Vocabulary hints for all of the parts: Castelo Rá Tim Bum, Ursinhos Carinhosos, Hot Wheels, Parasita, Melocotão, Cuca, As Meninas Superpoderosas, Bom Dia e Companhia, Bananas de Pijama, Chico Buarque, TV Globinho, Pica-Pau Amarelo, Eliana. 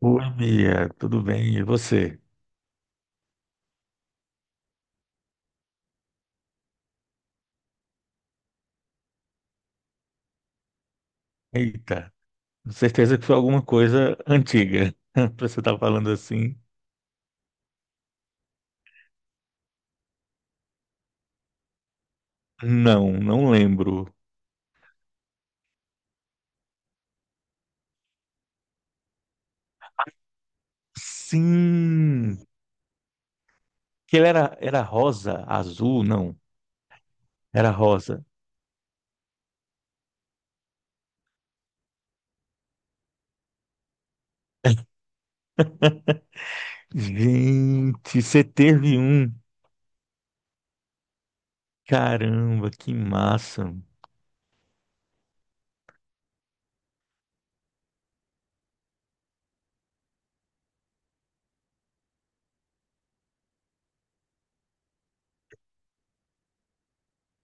Oi, Mia, tudo bem? E você? Eita, com certeza que foi alguma coisa antiga. Pra você estar falando assim? Não, não lembro. Sim, que ele era, rosa, azul, não, era rosa. Gente, você teve um. Caramba, que massa.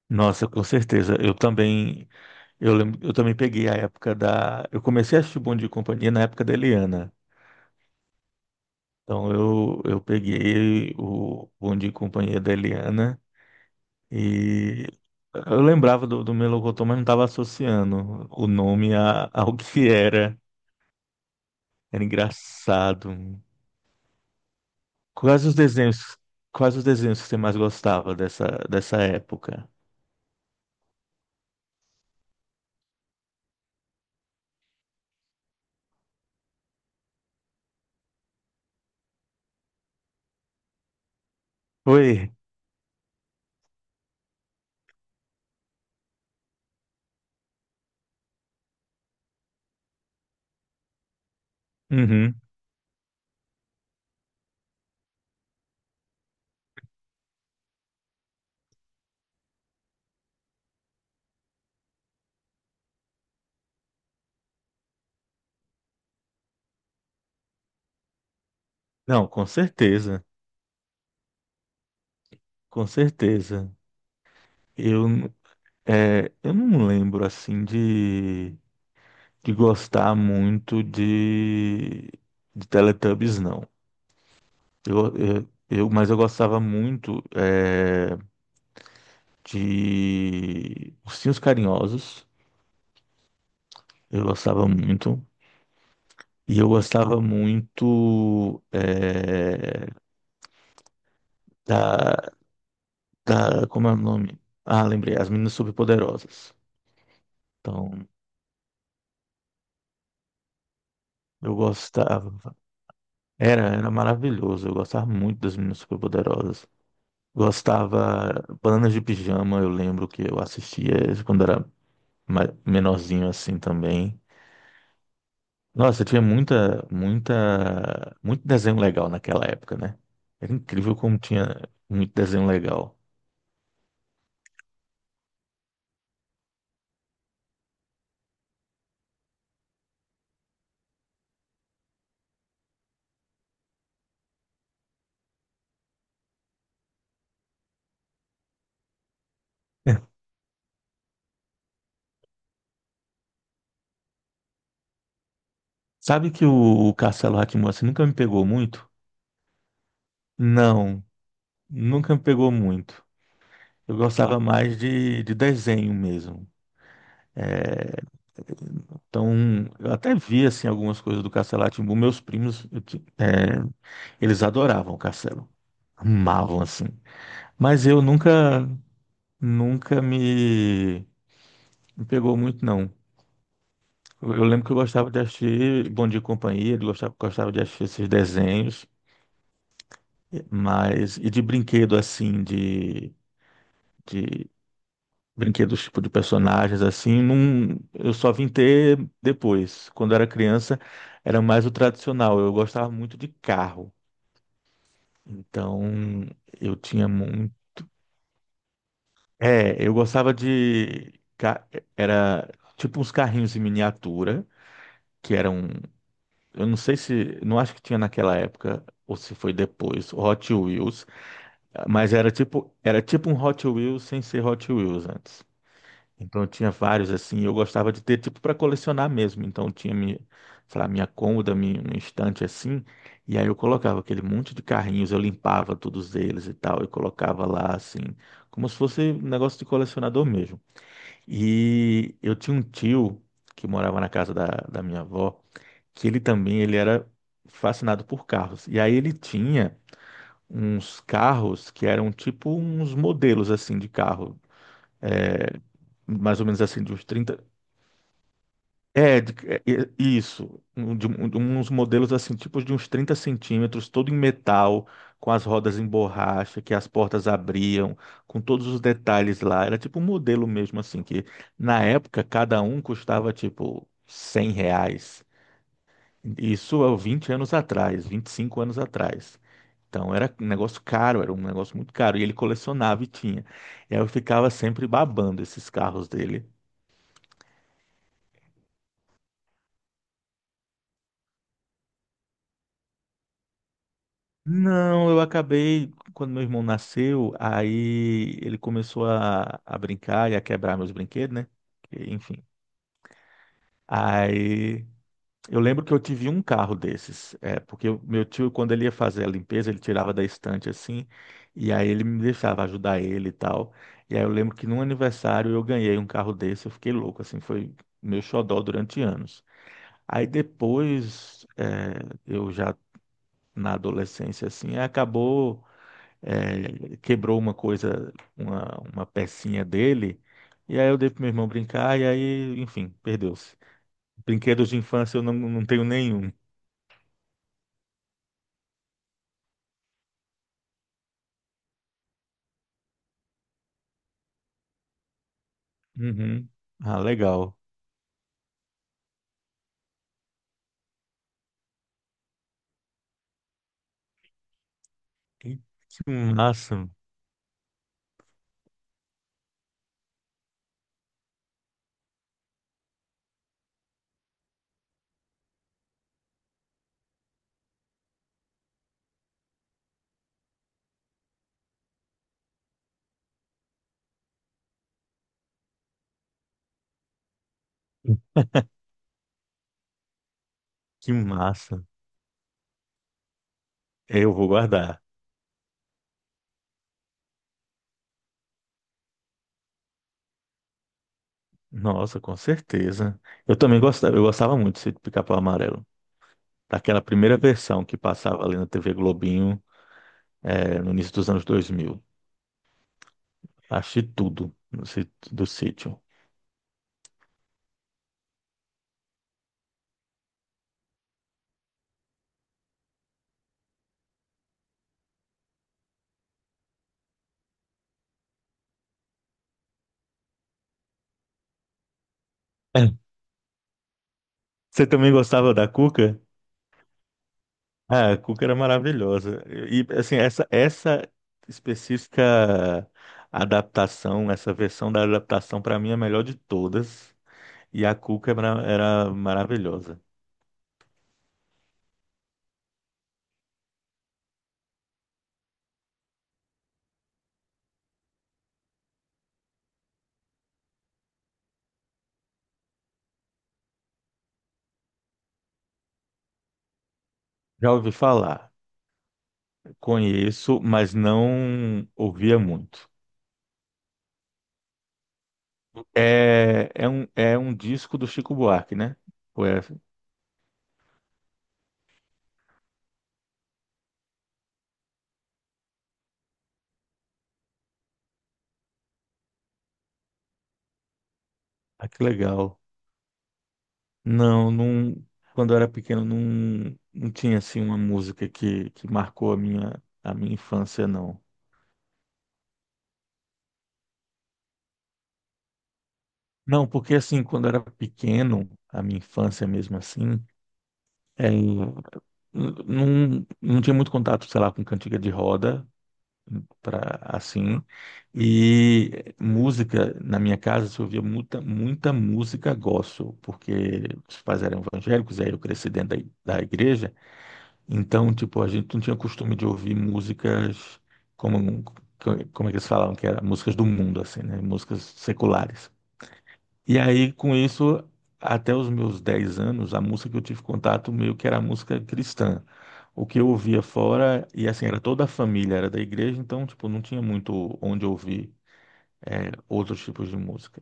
Nossa, com certeza. Eu também, eu lembro, eu também peguei a época da. Eu comecei a assistir Bom Dia e Companhia na época da Eliana. Então eu peguei o Bom Dia e Companhia da Eliana e eu lembrava do Melocotão, mas não estava associando o nome a, ao que era. Era engraçado. Quais os desenhos, quais os desenhos que você mais gostava dessa época? Foi? Uhum. Não, com certeza, com certeza. Eu, n- eu não lembro assim de gostar muito de Teletubbies, não. Mas eu gostava muito de Ursinhos Carinhosos. Eu gostava muito. E eu gostava muito da, da. Como é o nome? Ah, lembrei. As Meninas Superpoderosas. Então, eu gostava. Era maravilhoso. Eu gostava muito das Meninas Superpoderosas. Gostava. Bananas de Pijama, eu lembro que eu assistia quando era menorzinho assim também. Nossa, tinha muito desenho legal naquela época, né? Era incrível como tinha muito desenho legal. Sabe que o Castelo rá assim, nunca me pegou muito? Não, nunca me pegou muito. Eu gostava mais de desenho mesmo. É, Então, eu até vi assim algumas coisas do Castelo rá tim. Meus primos, eles adoravam o Castelo, amavam assim. Mas eu nunca, nunca me, me pegou muito não. Eu lembro que eu gostava de assistir Bom Dia e Companhia, eu gostava, gostava de assistir esses desenhos, mas e de brinquedo assim, de brinquedos tipo de personagens assim, não, eu só vim ter depois. Quando eu era criança, era mais o tradicional. Eu gostava muito de carro. Então, eu tinha muito. É, eu gostava de. Ca- Era tipo uns carrinhos em miniatura, que eram. Eu não sei se, não acho que tinha naquela época ou se foi depois, o Hot Wheels, mas era tipo um Hot Wheels sem ser Hot Wheels antes. Então eu tinha vários assim, eu gostava de ter tipo para colecionar mesmo. Então eu tinha minha, sei lá, minha cômoda, minha, um estante assim, e aí eu colocava aquele monte de carrinhos, eu limpava todos eles e tal, e colocava lá assim, como se fosse um negócio de colecionador mesmo. E eu tinha um tio que morava na casa da minha avó que ele também ele era fascinado por carros. E aí ele tinha uns carros que eram tipo uns modelos assim de carro, é, mais ou menos assim de uns 30. é, de- é, é, isso, de uns modelos assim, tipos de uns 30 centímetros, todo em metal, com as rodas em borracha, que as portas abriam, com todos os detalhes lá. Era tipo um modelo mesmo assim, que na época cada um custava tipo R$ 100. Isso há 20 anos atrás, 25 anos atrás. Então era um negócio caro, era um negócio muito caro. E ele colecionava e tinha. E aí eu ficava sempre babando esses carros dele. Não, eu acabei, quando meu irmão nasceu, aí ele começou a brincar e a quebrar meus brinquedos, né? Enfim. Aí eu lembro que eu tive um carro desses, é, porque o meu tio, quando ele ia fazer a limpeza, ele tirava da estante assim, e aí ele me deixava ajudar ele e tal. E aí eu lembro que num aniversário eu ganhei um carro desse, eu fiquei louco, assim, foi meu xodó durante anos. Aí depois, é, eu já na adolescência, assim, acabou, é, quebrou uma coisa, uma pecinha dele, e aí eu dei pro meu irmão brincar, e aí, enfim, perdeu-se. Brinquedos de infância eu não, não tenho nenhum. Uhum. Ah, legal. Que que massa, que massa. É, eu vou guardar. Nossa, com certeza. Eu também gostava, eu gostava muito de Pica-Pau Amarelo. Daquela primeira versão que passava ali na TV Globinho, no início dos anos 2000. Achei tudo no do sítio. É. Você também gostava da Cuca? Ah, a Cuca era maravilhosa. E, assim, essa específica adaptação, essa versão da adaptação, para mim, é a melhor de todas. E a cuca era maravilhosa. Já ouvi falar, conheço, mas não ouvia muito. É, é um disco do Chico Buarque, né? Ué, ah, que legal. Não, não, quando eu era pequeno não, não tinha assim uma música que marcou a minha infância, não. Não, porque assim, quando eu era pequeno, a minha infância mesmo assim, é, n- não, não tinha muito contato, sei lá, com cantiga de roda. Para assim. E música, na minha casa, se ouvia muita música gospel, porque os pais eram evangélicos, aí eu cresci dentro da igreja, então, tipo, a gente não tinha costume de ouvir músicas como, como é que eles falavam, que era músicas do mundo, assim, né? Músicas seculares. E aí, com isso, até os meus 10 anos, a música que eu tive contato meio que era música cristã. O que eu ouvia fora, e assim, era toda a família, era da igreja, então, tipo, não tinha muito onde ouvir é, outros tipos de música.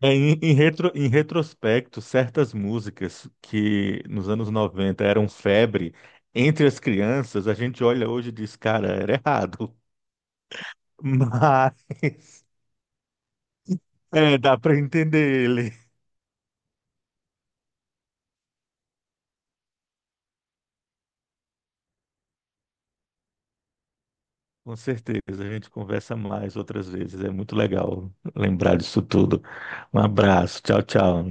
É, em retrospecto, certas músicas que nos anos 90 eram febre entre as crianças, a gente olha hoje e diz, cara, era errado. Mas é, dá para entender. Com certeza, a gente conversa mais outras vezes. É muito legal lembrar disso tudo. Um abraço, tchau, tchau.